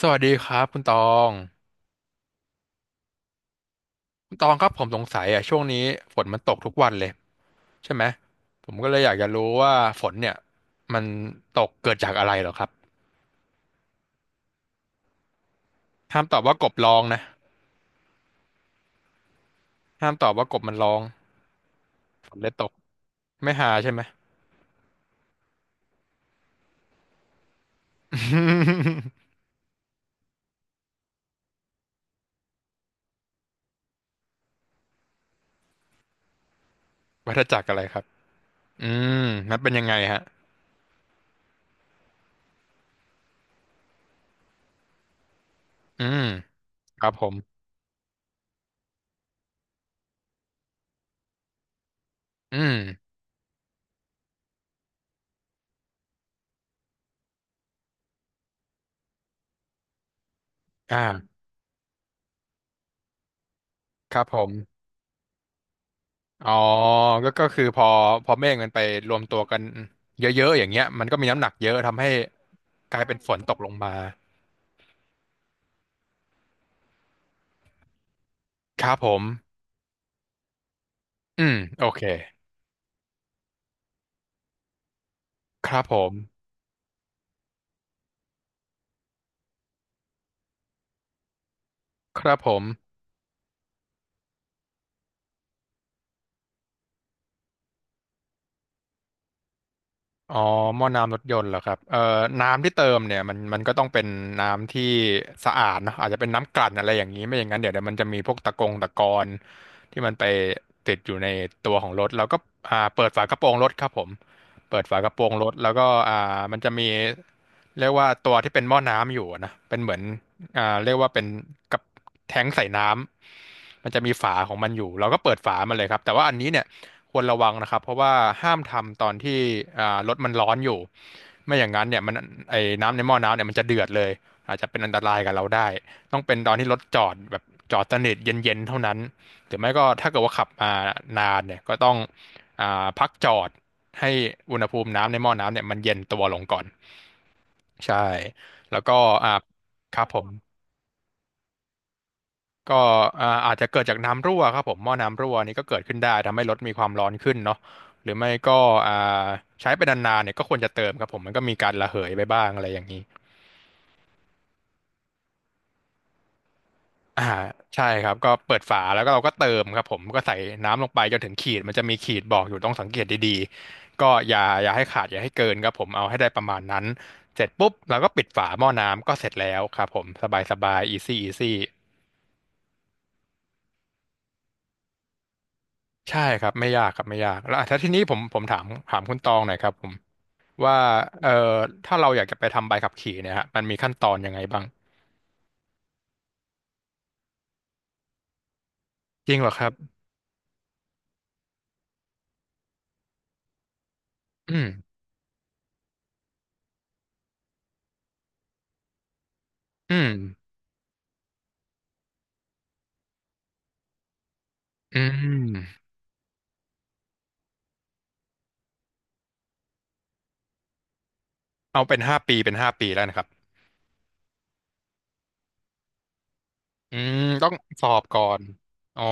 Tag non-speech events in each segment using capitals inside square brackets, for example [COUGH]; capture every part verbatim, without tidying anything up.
สวัสดีครับคุณตองคุณตองครับผมสงสัยอ่ะช่วงนี้ฝนมันตกทุกวันเลยใช่ไหมผมก็เลยอยากจะรู้ว่าฝนเนี่ยมันตกเกิดจากอะไรเหรอครับห้ามตอบว่ากบร้องนะห้ามตอบว่ากบมันร้องฝนเลยตกไม่หาใช่ไหม [LAUGHS] วัฏจักรอะไรครับอืมนันเป็นยังไงฮะอืมครับผมอืมอ่าครับผม อ๋อก็ก็คือพอ พอเมฆมันไปรวมตัวกันเยอะๆ อย่างเงี้ยมันก็มีน้ำหนักเยอะทำให้กลายเป็นฝนตกลงมา ครับผม อืม โอเค ครับผม ครับผม อ๋อหม้อน้ำรถยนต์เหรอครับเอ่อน้ำที่เติมเนี่ยมันมันก็ต้องเป็นน้ำที่สะอาดเนอะอาจจะเป็นน้ำกลั่นอะไรอย่างนี้ไม่อย่างนั้นเดี๋ยวเดี๋ยวมันจะมีพวกตะกงตะกอนที่มันไปติดอยู่ในตัวของรถแล้วก็อ่าเปิดฝากระโปรงรถครับผมเปิดฝากระโปรงรถแล้วก็อ่ามันจะมีเรียกว่าตัวที่เป็นหม้อน้ำอยู่อะนะเป็นเหมือนอ่าเรียกว่าเป็นกับแท้งใส่น้ำมันจะมีฝาของมันอยู่เราก็เปิดฝามันเลยครับแต่ว่าอันนี้เนี่ย ควรระวังนะครับเพราะว่าห้ามทำตอนที่อ่ารถมันร้อนอยู่ไม่อย่างนั้นเนี่ยมันไอ้น้ำในหม้อน้ำเนี่ยมันจะเดือดเลยอาจจะเป็นอันตรายกับเราได้ต้องเป็นตอนที่รถจอดแบบจอดสนิทเย็นๆเท่านั้นหรือไม่ก็ถ้าเกิดว่าขับมานานเนี่ยก็ต้องอ่าพักจอดให้อุณหภูมิน้ำในหม้อน้ำเนี่ยมันเย็นตัวลงก่อนใช่แล้วก็อ่าครับผม ก็อ่าอาจจะเกิดจากน้ำรั่วครับผมหม้อน้ำรั่วนี่ก็เกิดขึ้นได้ทำให้รถมีความร้อนขึ้นเนาะหรือไม่ก็อ่าใช้ไปนานๆเนี่ยก็ควรจะเติมครับผมมันก็มีการระเหยไปบ้างอะไรอย่างนี้อ่าใช่ครับก็เปิดฝาแล้วก็เราก็เติมครับผมก็ใส่น้ำลงไปจนถึงขีดมันจะมีขีดบอกอยู่ต้องสังเกตดีๆก็อย่าอย่าให้ขาดอย่าให้เกินครับผมเอาให้ได้ประมาณนั้นเสร็จปุ๊บเราก็ปิดฝาหม้อน้ำก็เสร็จแล้วครับผมสบายสบายอีซี่อีซี่ใช่ครับไม่ยากครับไม่ยากแล้วอ่ะถ้าทีนี้ผมผมถามถามคุณตองหน่อยครับผม ว่าเอ่อถ้าเราอยากจะไปทำใบขับขี่เนี่ยฮะมันมีขั้นตอนยังไงบ้างจริงเหรอครับอืมอืมอืมเอาเป็นห้าปีเป็นห้าปีแล้วนะครับอืมต้องสอบก่อนอ๋อ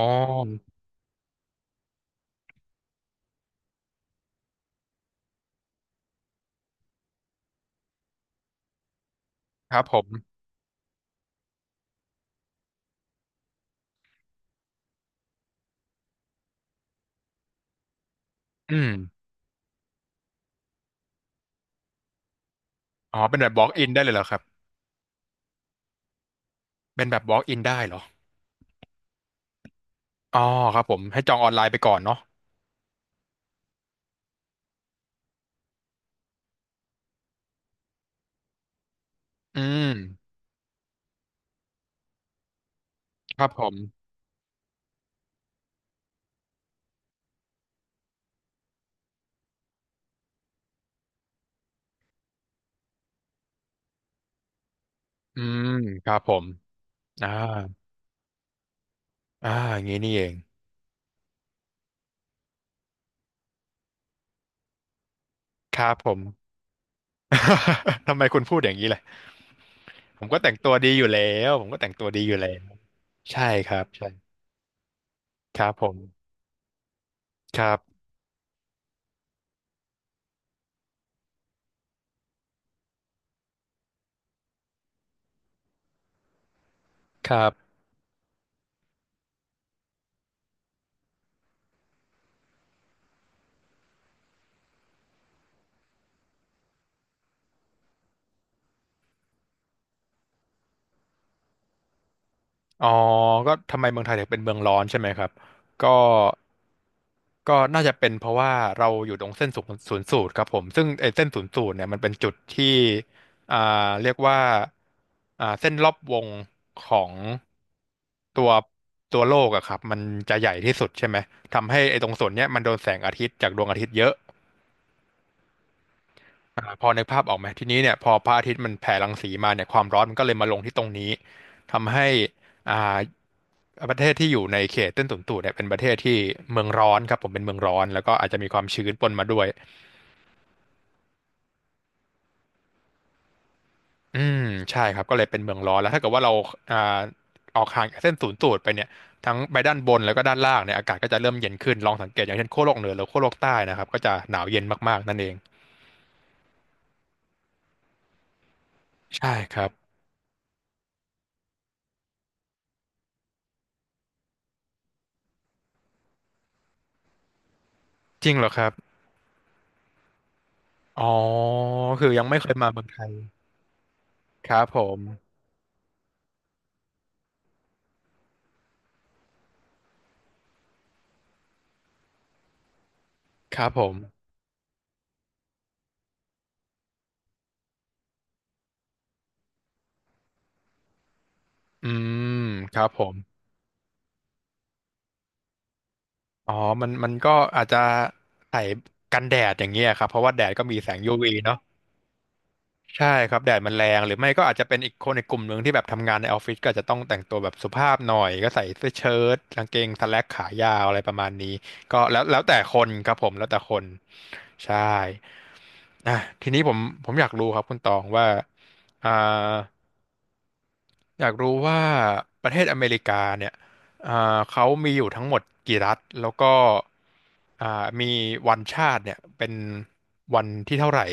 ครับผมอืมอ๋อเป็นแบบ walk in ได้เลยเหรอครับเป็นแบบ walk in ได้เหรออ๋อครับผมให้จองออนไลน์ไปก่อนเนาะอืมครับผมอืมครับผมอ่าอ่าอย่างนี้นี่เองครับผม [LAUGHS] ทำไมคุณพูดอย่างนี้ล่ะ ผมก็แต่งตัวดีอยู่แล้วผมก็แต่งตัวดีอยู่แล้วใช่ครับใช่ครับผมครับครับอ๋อก็ทำไมเมืองไทยถึงเป็นเมืองร้อนใช่ไหมครับก็ก็น่าจะเป็นเพราะว่าเราอยู่ตรงเส้นศูนย์ศูนย์สูตรครับผมซึ่งไอ้เส้นศูนย์สูตรเนี่ยมันเป็นจุดที่อ่าเรียกว่าอ่าเส้นรอบวงของตัวตัวโลกอะครับมันจะใหญ่ที่สุดใช่ไหมทำให้ไอ้ตรงส่วนเนี้ยมันโดนแสงอาทิตย์จากดวงอาทิตย์เยอะ อ่าพอนึกภาพออกไหมทีนี้เนี่ยพอพระอาทิตย์มันแผ่รังสีมาเนี่ยความร้อนมันก็เลยมาลงที่ตรงนี้ทำให้อ่าประเทศที่อยู่ในเขตเส้นสูนสูดเนี่ยเป็นประเทศที่เมืองร้อนครับผมเป็นเมืองร้อนแล้วก็อาจจะมีความชื้นปนมาด้วยอืมใช่ครับก็เลยเป็นเมืองร้อนแล้วถ้าเกิดว่าเราอ่าออกห่างจากเส้นศูนย์สูตรไปเนี่ยทั้งไปด้านบนแล้วก็ด้านล่างเนี่ยอากาศก็จะเริ่มเย็นขึ้นลองสังเกตอย่างเช่นขั้วโลกเหนือหรือขั้วโลกใต้นะครับก็จะหนาวเย็นมากๆนั่นเองใช่ครับจริงเหรอครับอ๋อคือยังไม่เคยมาเมืองไทยครับผม ครับผมอืมครับผมอ๋อมันมันก็อาจจะใส่กันแดดอย่างเงี้ยครับ เพราะว่าแดดก็มีแสง ยู วี เนาะใช่ครับแดดมันแรงหรือไม่ก็อาจจะเป็นอีกคนในกลุ่มหนึ่งที่แบบทำงานในออฟฟิศก็อาจจะต้องแต่งตัวแบบสุภาพหน่อยก็ใส่เสื้อเชิ้ตกางเกงสแล็กขายาวอะไรประมาณนี้ก็แล้วแล้วแต่คนครับผม แล้วแต่คน ใช่อ่ะทีนี้ผมผมอยากรู้ครับคุณตองว่าอ่า อยากรู้ว่าประเทศอเมริกาเนี่ยอ่าเขามีอยู่ทั้งหมดกี่รัฐแล้วก็อ่ามีวันชาติเนี่ยเป็นวันที่เท่าไหร่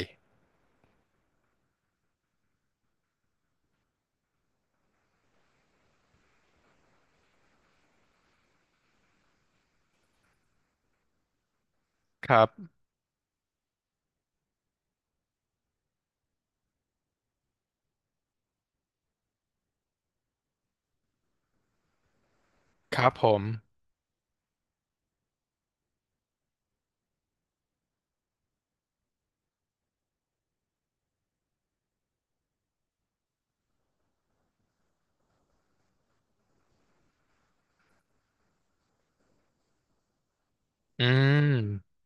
ครับครับผมอืม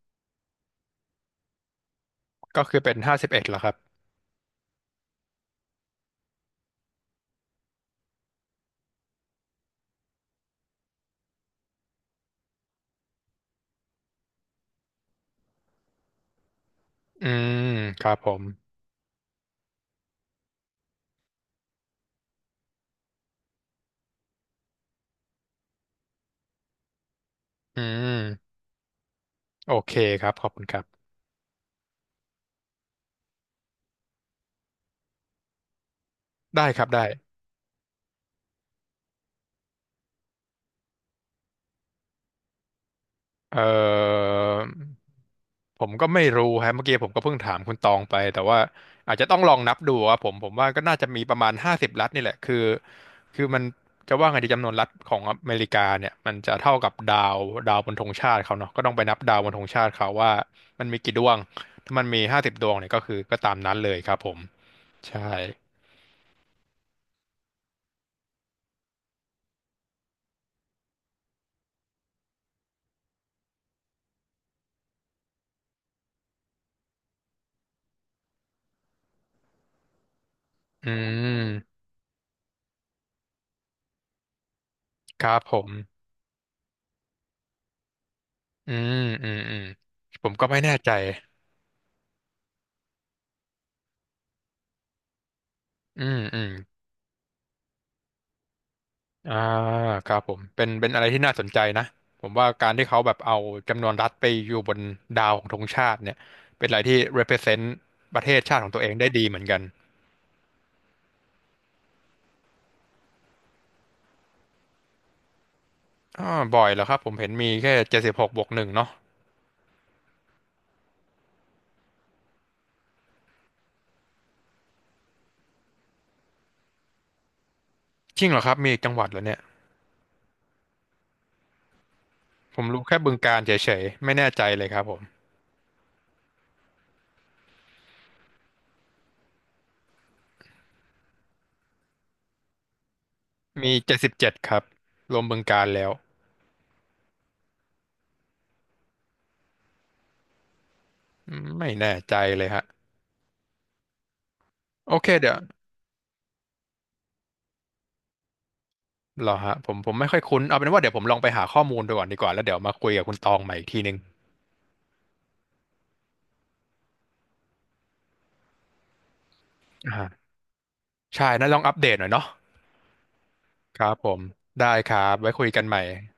ก็คือเป็นห้าสิบเอ็ดเหรอครับอืมครับผมอืมโอเคครับขอบคุณครับได้ครับได้ เอ่อผมก็ไม่รู้ฮะเมื่อกี้ผมก็เพิ่งถามคุณตองไปแต่ว่าอาจจะต้องลองนับดูครับผมผมว่าก็น่าจะมีประมาณห้าสิบรัฐนี่แหละคือคือมันจะว่าไงดีจำนวนรัฐของอเมริกาเนี่ยมันจะเท่ากับดาวดาวบนธงชาติเขาเนาะก็ต้องไปนับดาวบนธงชาติเขาว่ามันมีกี่ดวงถ้ามันมีห้าสิบดวงเนี่ยก็คือก็ตามนั้นเลยครับผมใช่อืมครับผมอืมอืมอืมผมก็ไม่แน่ใจอืมอืม อ่าครับผมเป็นเป็นอะไรที่น่าสนใจนะผมว่าการที่เขาแบบเอาจำนวนรัฐไปอยู่บนดาวของธงชาติเนี่ยเป็นอะไรที่ represent ประเทศชาติของตัวเองได้ดีเหมือนกันอ่าบ่อยเหรอครับผมเห็นมีแค่เจ็ดสิบหกบวกหนึ่งเนาะจริงเหรอครับมีอีกจังหวัดเหรอเนี่ยผมรู้แค่บึงกาฬเฉยๆไม่แน่ใจเลยครับผมมีเจ็ดสิบเจ็ดครับรวมบึงกาฬแล้วอืมไม่แน่ใจเลยฮะโอเคเดี๋ยวเหรอฮะผมผมไม่ค่อยคุ้นเอาเป็นว่าเดี๋ยวผมลองไปหาข้อมูลดูก่อนดีกว่าแล้วเดี๋ยวมาคุยกับคุณตองใหม่อีกทีนึงอ่า ใช่น่าลองอัปเดตหน่อยเนาะครับผมได้ครับไว้คุยกันใหม่